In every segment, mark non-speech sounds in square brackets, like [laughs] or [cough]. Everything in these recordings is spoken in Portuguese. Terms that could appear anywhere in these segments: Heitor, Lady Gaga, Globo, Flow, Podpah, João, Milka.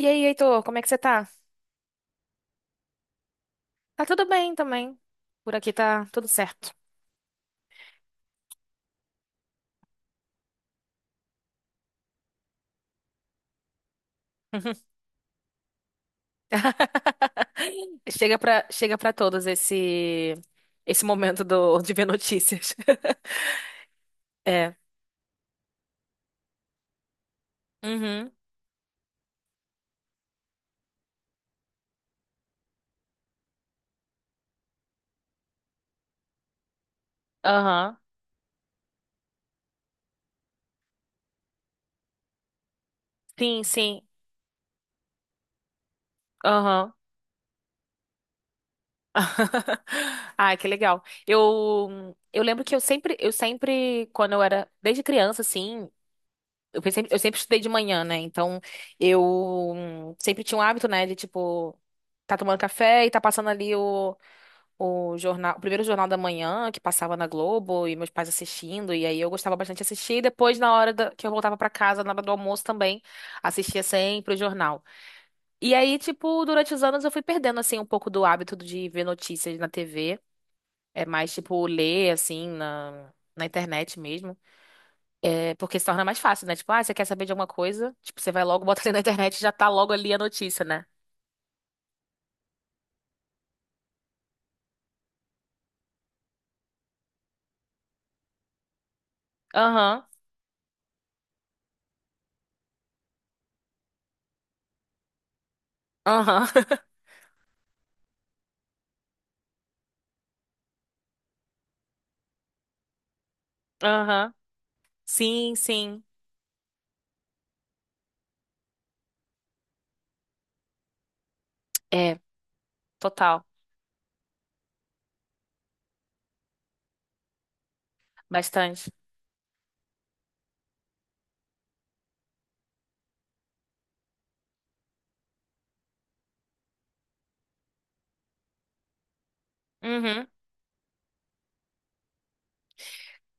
E aí, Heitor, como é que você tá? Tá tudo bem também. Por aqui tá tudo certo. [laughs] Chega pra todos esse esse momento do, de ver notícias. [laughs] É. Uhum. Aham. Sim, sim. Aham. [laughs] Ai, que legal. Eu lembro que eu sempre quando eu era desde criança assim, eu sempre estudei de manhã, né? Então, eu sempre tinha um hábito, né, de tipo tá tomando café e tá passando ali o jornal, o primeiro jornal da manhã que passava na Globo e meus pais assistindo, e aí eu gostava bastante de assistir, e depois na hora da- que eu voltava pra casa, na hora do almoço também, assistia sempre o jornal. E aí, tipo, durante os anos eu fui perdendo assim um pouco do hábito de ver notícias na TV, é mais tipo ler assim na Na internet mesmo. É, porque se torna mais fácil, né? Tipo, ah, você quer saber de alguma coisa? Tipo, você vai logo, [laughs] bota ali na internet e já tá logo ali a notícia, né? Aham, aham, [laughs] aham. Sim, sim. É, total. Bastante. Uhum.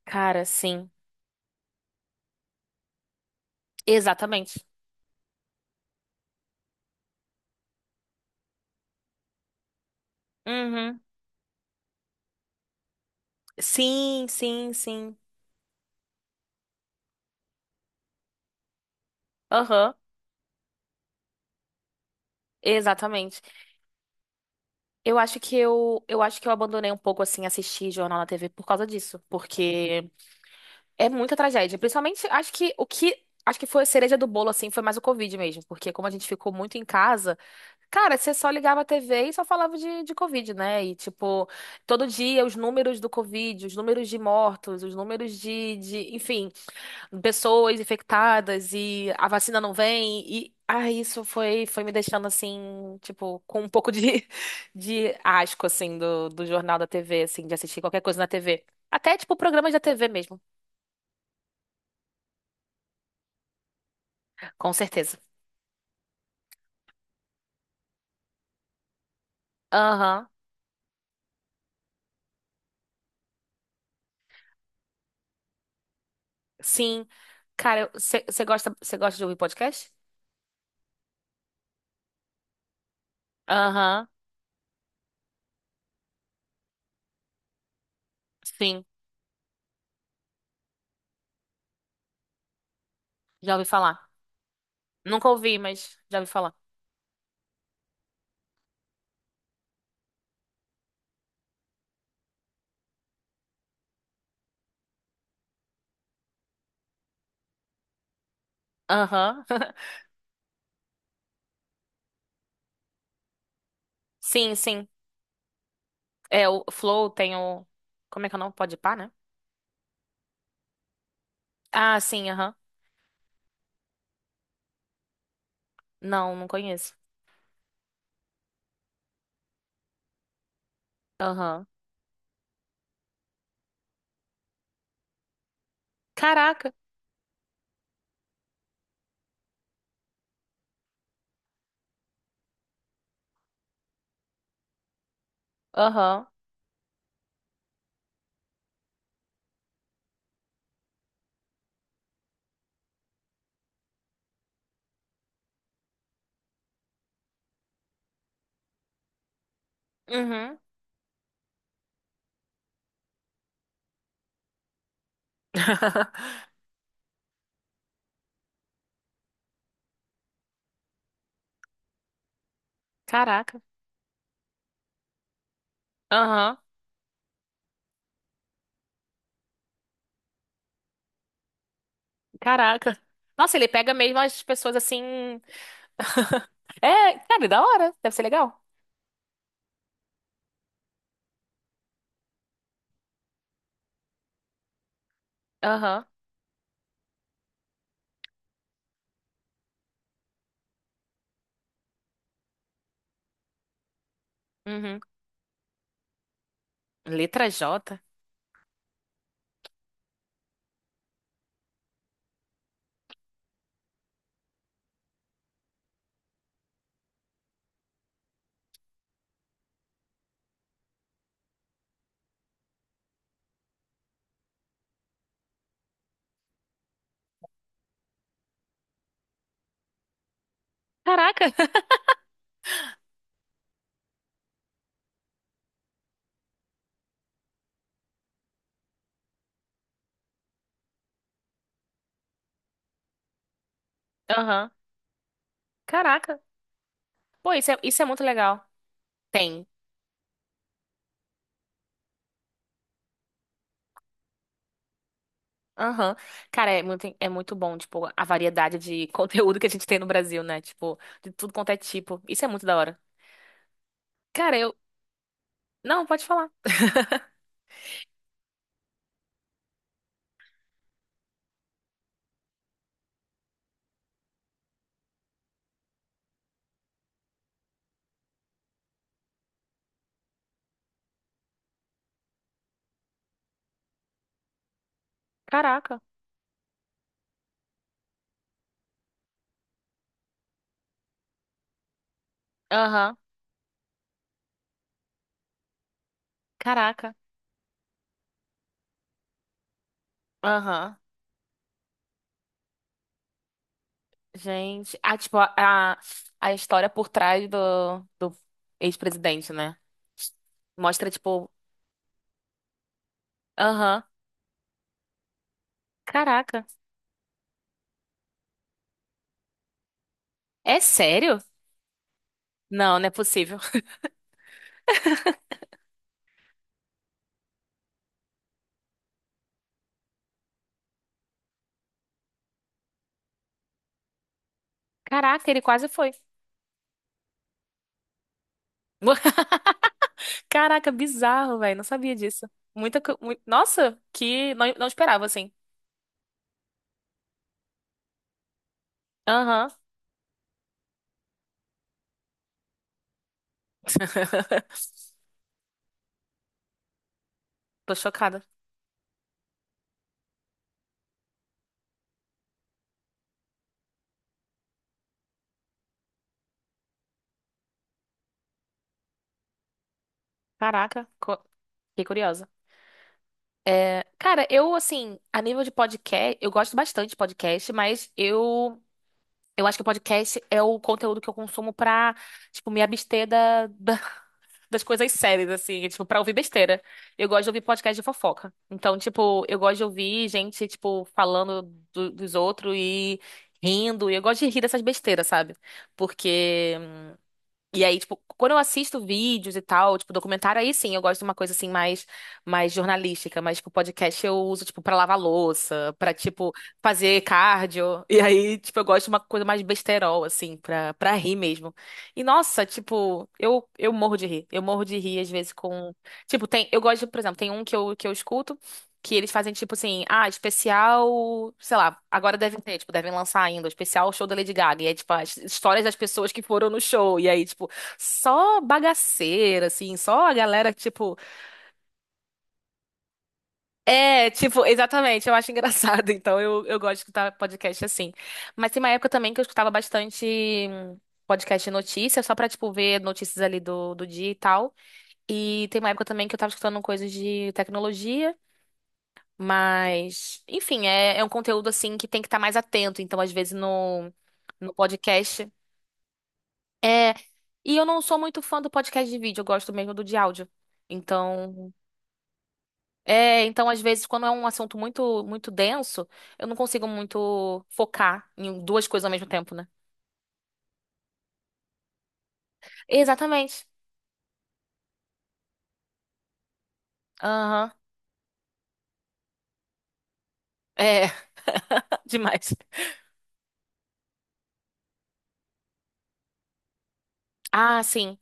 Cara, sim. Exatamente. Uhum. Sim, sim, sim. Aham. Exatamente. Eu acho que eu abandonei um pouco assim assistir jornal na TV por causa disso, porque é muita tragédia. Principalmente, acho que o que foi a cereja do bolo assim foi mais o Covid mesmo, porque como a gente ficou muito em casa, cara, você só ligava a TV e só falava de Covid, né? E tipo, todo dia os números do Covid, os números de mortos, os números de, enfim, pessoas infectadas e a vacina não vem e ah, isso foi me deixando assim, tipo, com um pouco de, [laughs] de asco assim do, do jornal da TV, assim, de assistir qualquer coisa na TV. Até tipo programas da TV mesmo, com certeza. Aham. Sim. Cara, você gosta de ouvir podcast? Aham. Sim, já ouvi falar. Nunca ouvi, mas já ouvi falar. Aham. [laughs] Sim, sim. É o Flow tem o como é que é o nome? Podpah, né? Ah, sim, aham. Não, não conheço. Aham. Caraca. Aham. Uhum. [laughs] Caraca. Aham. Caraca. Nossa, ele pega mesmo as pessoas assim. É, cara, da hora. Deve ser legal. Aham. Uhum. Letra J. Caraca. [laughs] Aham. Caraca. Pô, isso é muito legal. Tem. Aham. Cara, é muito bom, tipo, a variedade de [laughs] conteúdo que a gente tem no Brasil, né? Tipo, de tudo quanto é tipo. Isso é muito da hora. Cara, eu. Não, pode falar. Caraca. Aham. Caraca. Aham. Gente. Ah, tipo, a a história por trás do, do ex-presidente, né? Mostra, tipo. Aham. Caraca. É sério? Não, não é possível. [laughs] Caraca, ele quase foi. [laughs] Caraca, bizarro, velho. Não sabia disso. Muita, co- mui- Nossa, que não, não esperava, assim. Aham. [laughs] Tô chocada. Caraca, co- fiquei curiosa. Cara, eu, assim, a nível de podcast, eu gosto bastante de podcast, mas eu acho que o podcast é o conteúdo que eu consumo pra, tipo, me abster da [laughs] das coisas sérias, assim, tipo, pra ouvir besteira. Eu gosto de ouvir podcast de fofoca. Então, tipo, eu gosto de ouvir gente, tipo, falando do- dos outros e rindo. E eu gosto de rir dessas besteiras, sabe? Porque e aí, tipo, quando eu assisto vídeos e tal, tipo, documentário, aí sim, eu gosto de uma coisa assim mais, mais jornalística, mas, tipo, podcast eu uso, tipo, pra lavar louça, pra, tipo, fazer cardio. [laughs] E aí, tipo, eu gosto de uma coisa mais besterol, assim, pra, pra rir mesmo. E, nossa, tipo, eu morro de rir. Eu morro de rir, às vezes, com... Tipo, tem... Eu gosto, de, por exemplo, tem um que eu escuto, que eles fazem tipo assim, ah, especial, sei lá, agora devem ter, tipo, devem lançar ainda, o especial show da Lady Gaga. E é tipo as histórias das pessoas que foram no show. E aí, tipo, só bagaceira, assim, só a galera, tipo. É, tipo, exatamente, eu acho engraçado. [laughs] Então eu gosto de escutar podcast assim. Mas tem uma época também que eu escutava bastante hum, podcast de notícias, só pra, tipo, ver notícias ali do, do dia e tal. E tem uma época também que eu tava escutando coisas de tecnologia. Mas, enfim, é, é um conteúdo assim que tem que estar mais atento. Então, às vezes, no, no podcast. É, e eu não sou muito fã do podcast de vídeo, eu gosto mesmo do de áudio. Então, é, então às vezes quando é um assunto muito denso, eu não consigo muito focar em duas coisas ao mesmo tempo, né? Exatamente. Aham. É. [laughs] Demais. Ah, sim.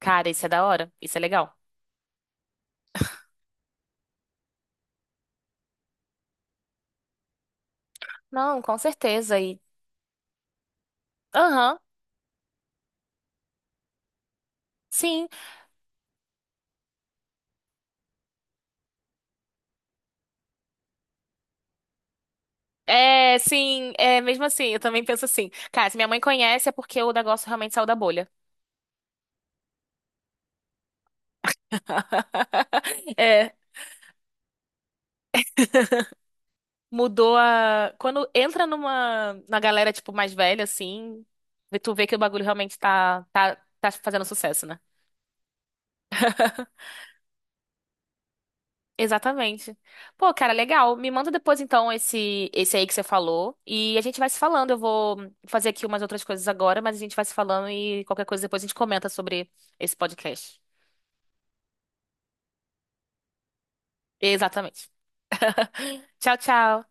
Cara, isso é da hora. Isso é legal. Não, com certeza. E aham. Sim. É, sim, é mesmo assim, eu também penso assim. Cara, se minha mãe conhece é porque o negócio realmente saiu da bolha. [laughs] É, mudou a. Quando entra numa na galera, tipo, mais velha, assim, tu vê que o bagulho realmente tá fazendo sucesso, né? Exatamente. Pô, cara, legal. Me manda depois, então, esse aí que você falou. E a gente vai se falando. Eu vou fazer aqui umas outras coisas agora, mas a gente vai se falando e qualquer coisa depois a gente comenta sobre esse podcast. Exatamente. Tchau, tchau.